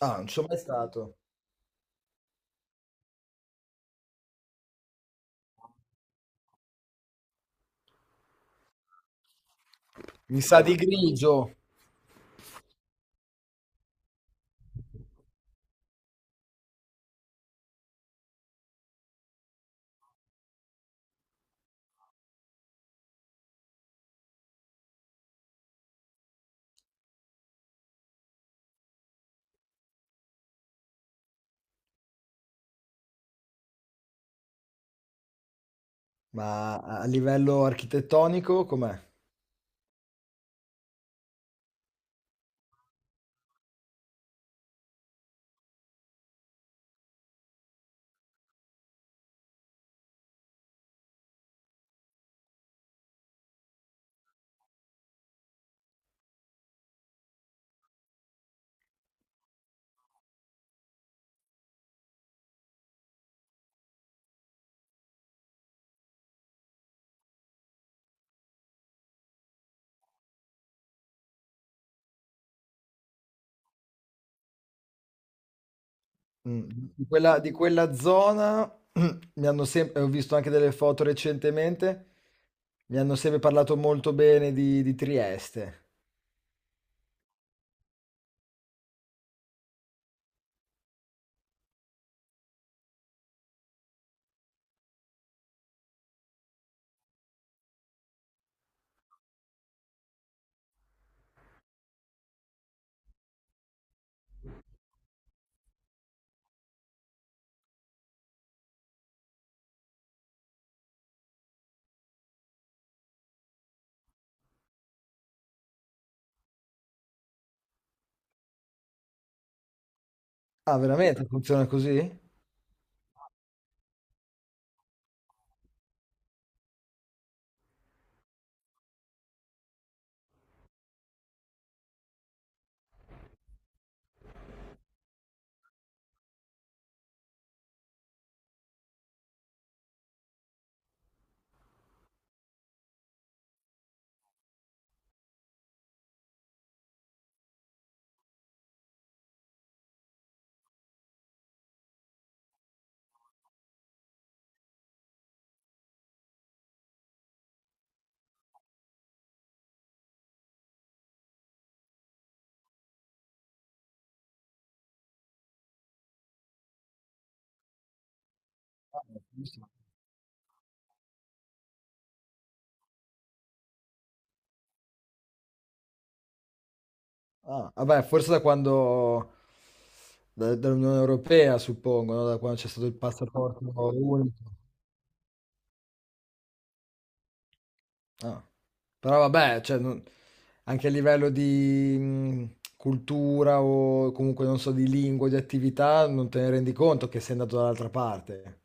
Ah, non ci sono mai stato. Mi sa di grigio, ma a livello architettonico com'è? Mh, di quella zona mi hanno sem ho visto anche delle foto recentemente, mi hanno sempre parlato molto bene di Trieste. Ah, veramente funziona così? Ah, vabbè, forse da quando da dall'Unione Europea suppongo, no, da quando c'è stato il passaporto unico. Ah. Però vabbè, cioè, non- anche a livello di cultura o comunque non so, di lingua, di attività, non te ne rendi conto che sei andato dall'altra parte.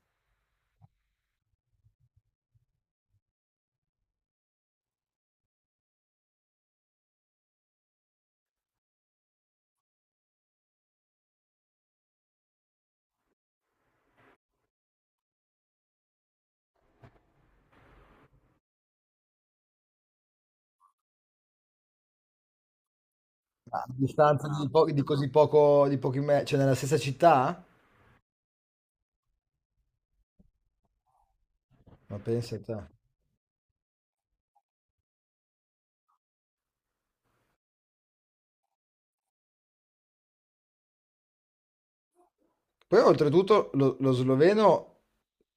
A distanza di, po- di così poco, di pochi metri, cioè nella stessa città? Ma pensa a te. Poi oltretutto lo sloveno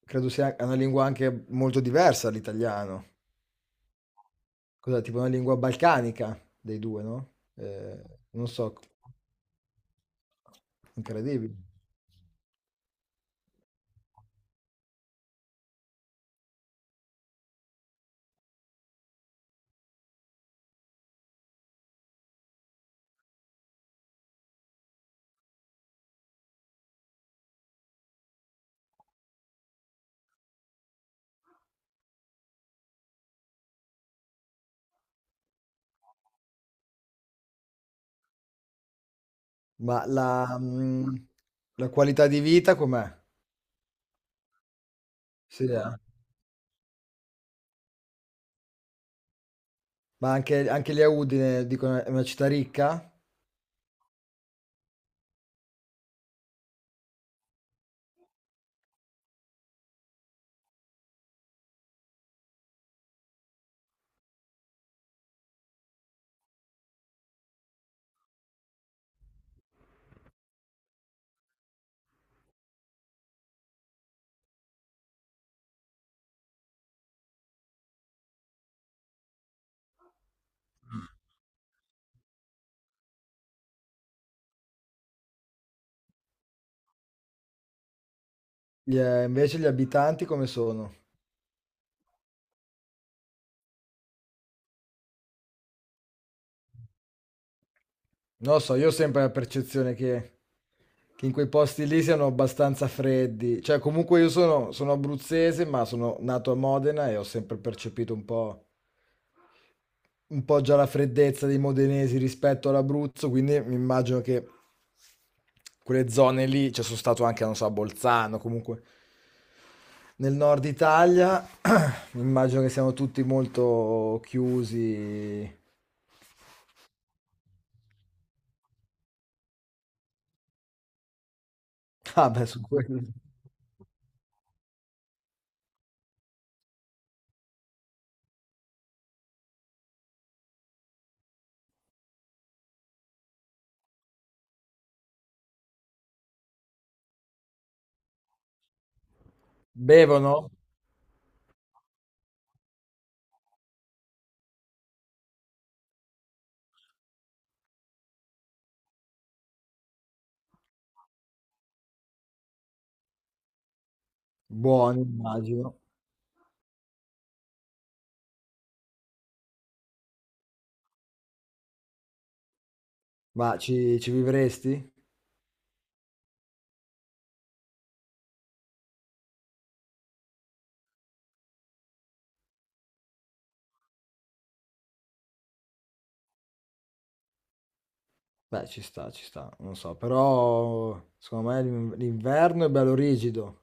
credo sia una lingua anche molto diversa dall'italiano. Cos'è? Tipo una lingua balcanica dei due, no? Non so, incredibile. Ma la la qualità di vita com'è? Sì, eh? Ma anche anche lì a Udine dicono è una città ricca? Gli invece gli abitanti come sono? Non lo so, io ho sempre la percezione che in quei posti lì siano abbastanza freddi. Cioè comunque io sono abruzzese, ma sono nato a Modena e ho sempre percepito un po' già la freddezza dei modenesi rispetto all'Abruzzo, quindi mi immagino che quelle zone lì, cioè sono stato anche, non so, a Bolzano, comunque nel nord Italia, mi immagino che siamo tutti molto chiusi. Ah, beh, su quello. Bevono? Buoni, immagino. Ma ci vivresti? Beh, ci sta, non so, però secondo me l'in- l'inverno è bello rigido.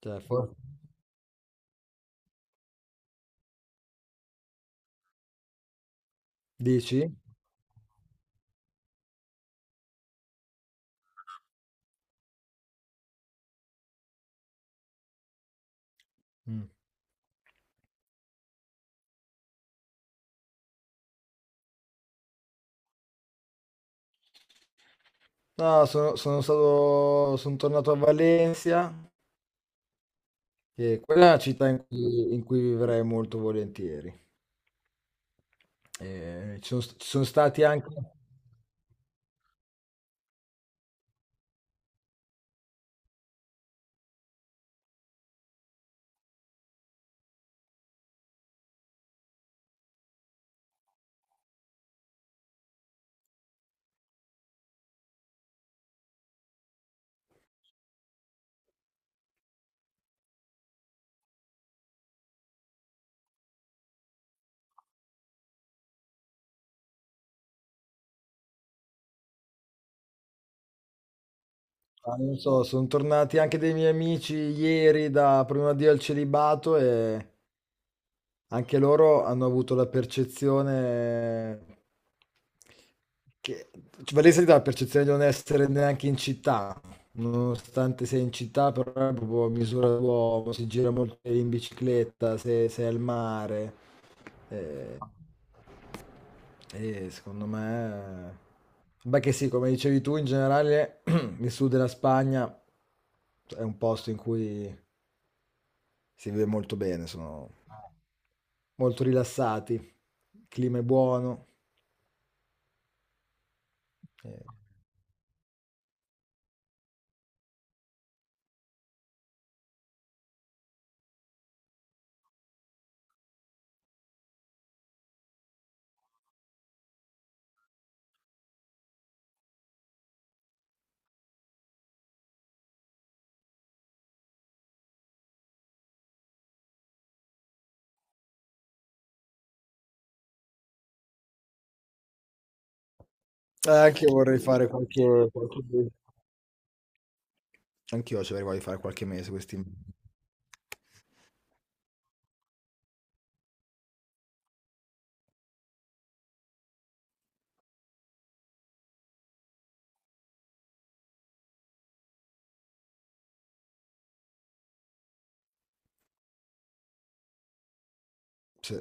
Cioè, for- dici? Mm. No, sono stato, sono tornato a Valencia, che quella è una città in cui vivrei molto volentieri. Ci sono stati anche, ah, non so, sono tornati anche dei miei amici ieri da prima di al celibato e anche loro hanno avuto la percezione che cioè, Varese dà la percezione di non essere neanche in città, nonostante sei in città, però è proprio a misura d'uomo, si gira molto in bicicletta, se sei al mare. Eh, e secondo me... beh che sì, come dicevi tu, in generale il sud della Spagna è un posto in cui si vive molto bene, sono molto rilassati, il clima è buono. Ehm, Anche io vorrei fare qualche mese. Anch'io ci avrei voglia di fare qualche mese questi. Sì.